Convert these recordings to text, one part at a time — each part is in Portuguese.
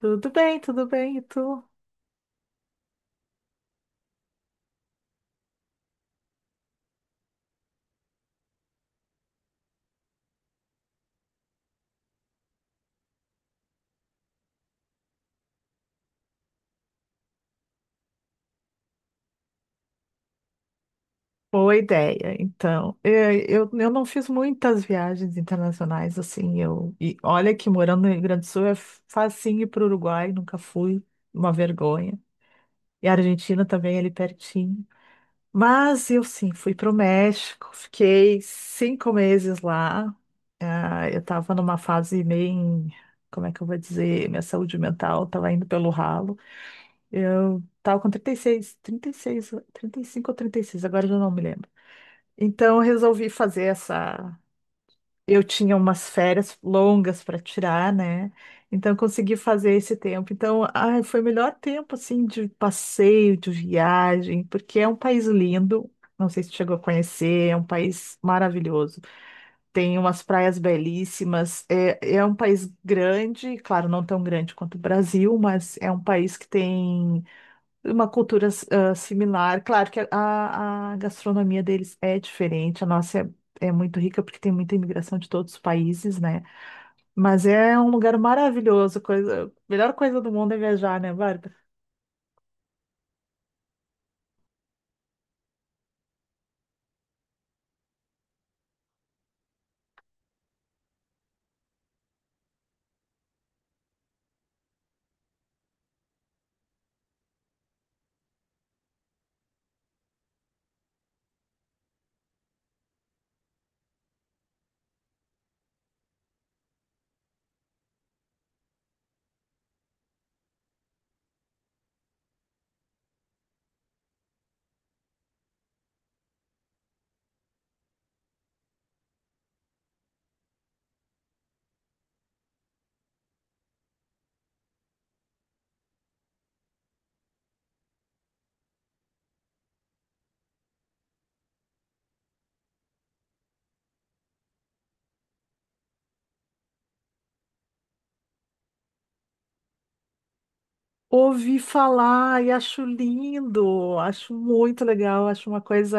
Tudo bem, e tu? Boa ideia. Então, eu não fiz muitas viagens internacionais assim. Eu, e olha que morando no Rio Grande do Sul é facinho ir para o Uruguai, nunca fui, uma vergonha. E a Argentina também ali pertinho. Mas eu sim, fui para o México, fiquei cinco meses lá. Ah, eu estava numa fase bem, como é que eu vou dizer, minha saúde mental estava indo pelo ralo. Eu tava com 36, 36, 35 ou 36, agora eu já não me lembro. Então, eu resolvi fazer essa. Eu tinha umas férias longas para tirar, né? Então, eu consegui fazer esse tempo. Então, ai, foi o melhor tempo, assim, de passeio, de viagem, porque é um país lindo. Não sei se chegou a conhecer, é um país maravilhoso. Tem umas praias belíssimas. É, é um país grande, claro, não tão grande quanto o Brasil, mas é um país que tem uma cultura ah, similar. Claro que a gastronomia deles é diferente, a nossa é, é muito rica porque tem muita imigração de todos os países, né? Mas é um lugar maravilhoso, coisa, a melhor coisa do mundo é viajar, né, Bárbara? Ouvi falar e acho lindo, acho muito legal, acho uma coisa.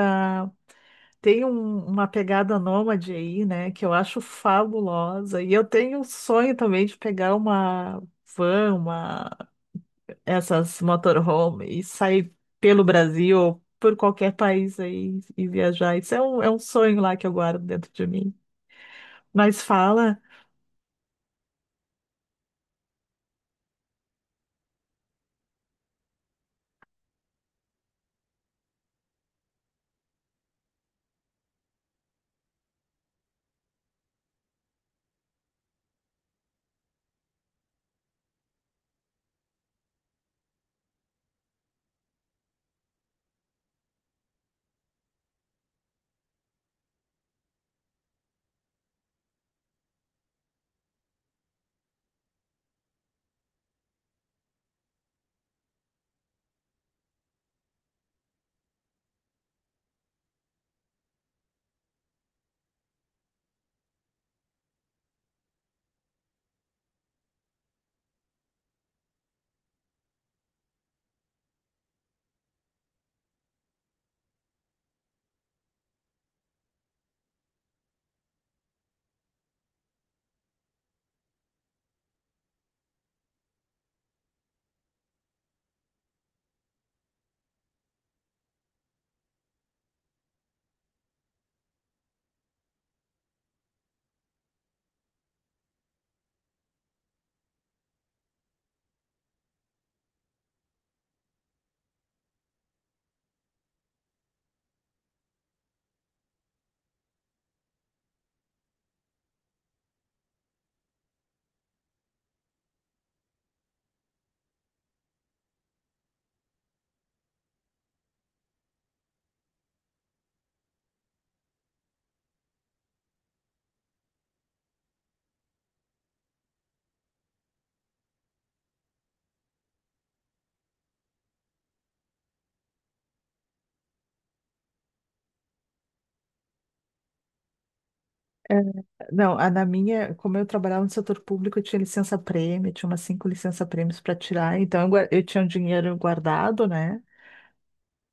Tem uma pegada nômade aí, né, que eu acho fabulosa. E eu tenho um sonho também de pegar uma van, essas motorhome e sair pelo Brasil ou por qualquer país aí e viajar. Isso é é um sonho lá que eu guardo dentro de mim. Mas fala, é, não, a, na minha, como eu trabalhava no setor público, eu tinha licença-prêmio, tinha umas cinco licença-prêmios para tirar, então eu tinha um dinheiro guardado, né?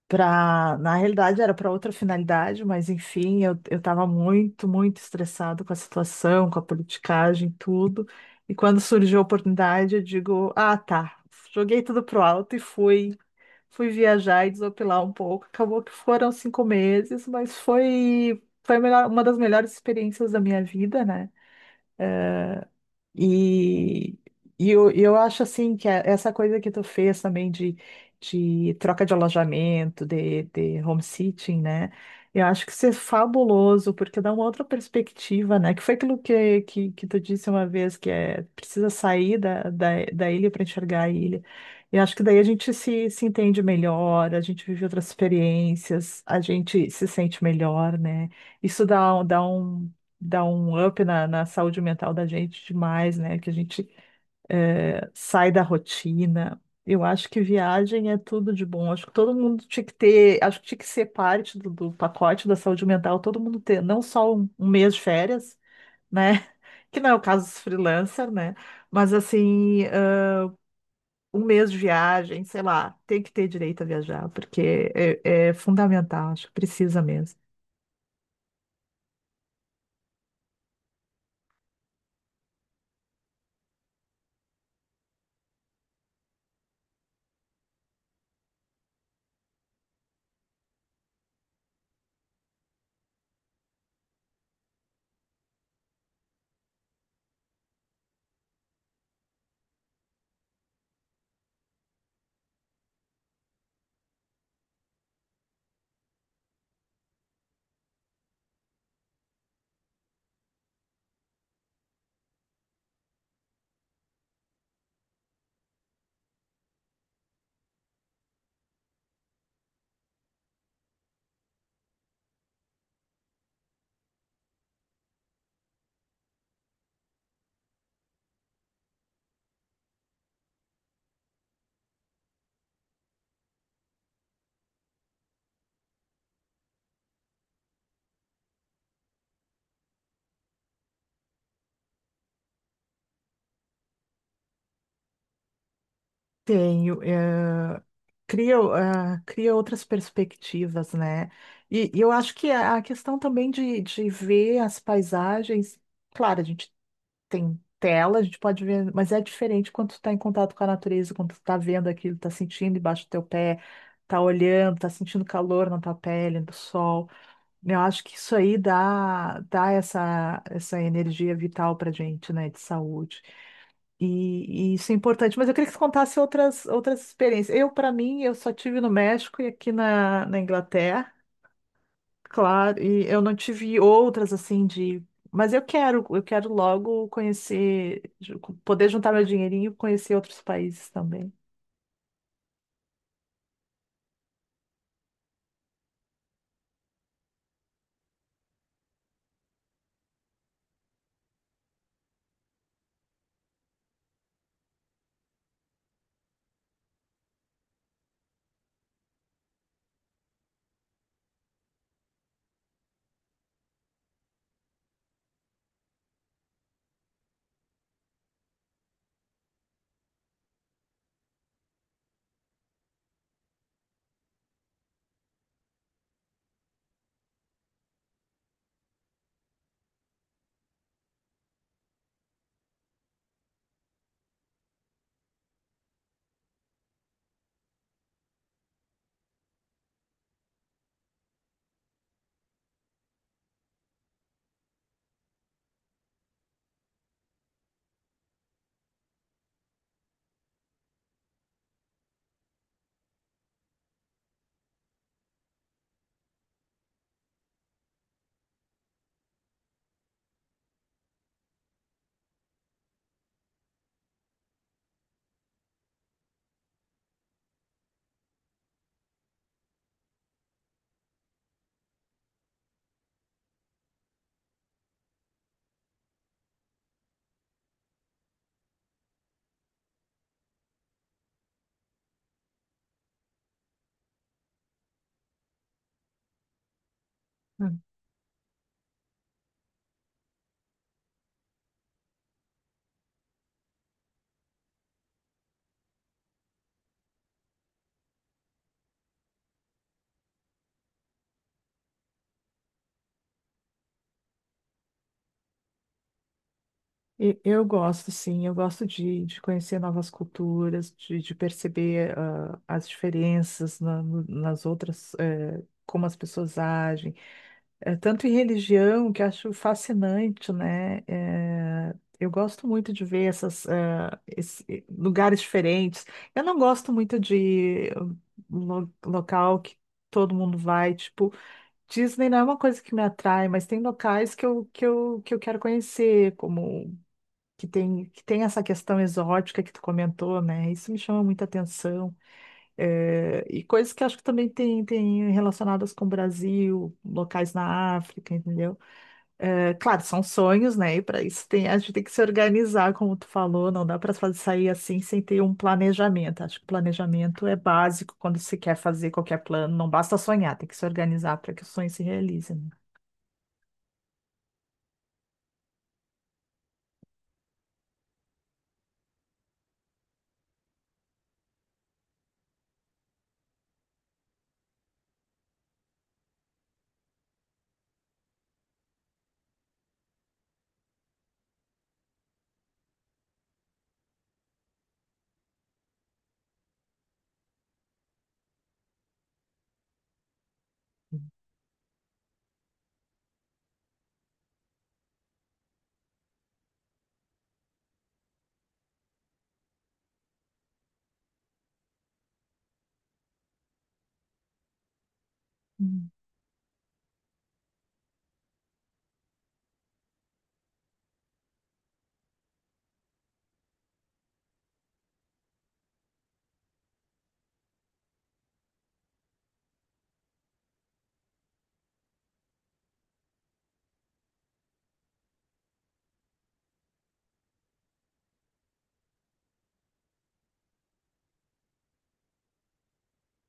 Pra, na realidade era para outra finalidade, mas enfim, eu estava muito, muito estressado com a situação, com a politicagem, tudo. E quando surgiu a oportunidade, eu digo, ah, tá, joguei tudo pro alto e fui, fui viajar e desopilar um pouco. Acabou que foram cinco meses, mas foi, uma das melhores experiências da minha vida, né? E, e eu acho assim essa coisa que tu fez também de troca de alojamento, de home sitting, né? Eu acho que isso é fabuloso, porque dá uma outra perspectiva, né? Que foi aquilo que tu disse uma vez, que é precisa sair da ilha para enxergar a ilha. Eu acho que daí a gente se entende melhor, a gente vive outras experiências, a gente se sente melhor, né? Isso dá dá um up na saúde mental da gente demais, né? Que a gente sai da rotina. Eu acho que viagem é tudo de bom. Acho que todo mundo tinha que ter, acho que tinha que ser parte do, do pacote da saúde mental, todo mundo ter não só um mês de férias, né? Que não é o caso dos freelancers, né? Mas assim, um mês de viagem, sei lá, tem que ter direito a viajar, porque é, é fundamental, acho que precisa mesmo. Tenho, cria, cria outras perspectivas, né? E eu acho que a questão também de ver as paisagens, claro, a gente tem tela, a gente pode ver, mas é diferente quando tu está em contato com a natureza, quando tu está vendo aquilo, está sentindo embaixo do teu pé, está olhando, está sentindo calor na tua pele, do sol. Eu acho que isso aí dá, dá essa, essa energia vital pra gente, né? De saúde. E isso é importante, mas eu queria que você contasse outras, outras experiências. Eu, para mim, eu só tive no México e aqui na, na Inglaterra, claro, e eu não tive outras assim de. Mas eu quero logo conhecer, poder juntar meu dinheirinho e conhecer outros países também. Hum. E- Eu gosto, sim, eu gosto de conhecer novas culturas, de perceber ah, as diferenças nas outras, eh, como as pessoas agem. É, tanto em religião, que eu acho fascinante, né? É, eu gosto muito de ver essas, lugares diferentes. Eu não gosto muito de local que todo mundo vai. Tipo, Disney não é uma coisa que me atrai, mas tem locais que que eu quero conhecer, como que tem essa questão exótica que tu comentou, né? Isso me chama muita atenção. É, e coisas que acho que também tem relacionadas com o Brasil, locais na África, entendeu? É, claro, são sonhos, né? E para isso tem, a gente tem que se organizar, como tu falou, não dá para sair assim sem ter um planejamento. Acho que o planejamento é básico quando se quer fazer qualquer plano, não basta sonhar, tem que se organizar para que o sonho se realize, né? Hum,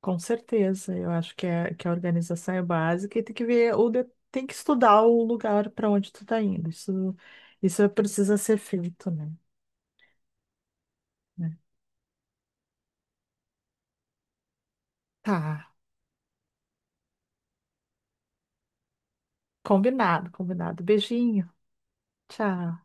com certeza, eu acho que, é, que a organização é básica e tem que ver, tem que estudar o lugar para onde tu tá indo. Isso, isso precisa ser feito, né? Né? Tá, combinado, combinado. Beijinho, tchau.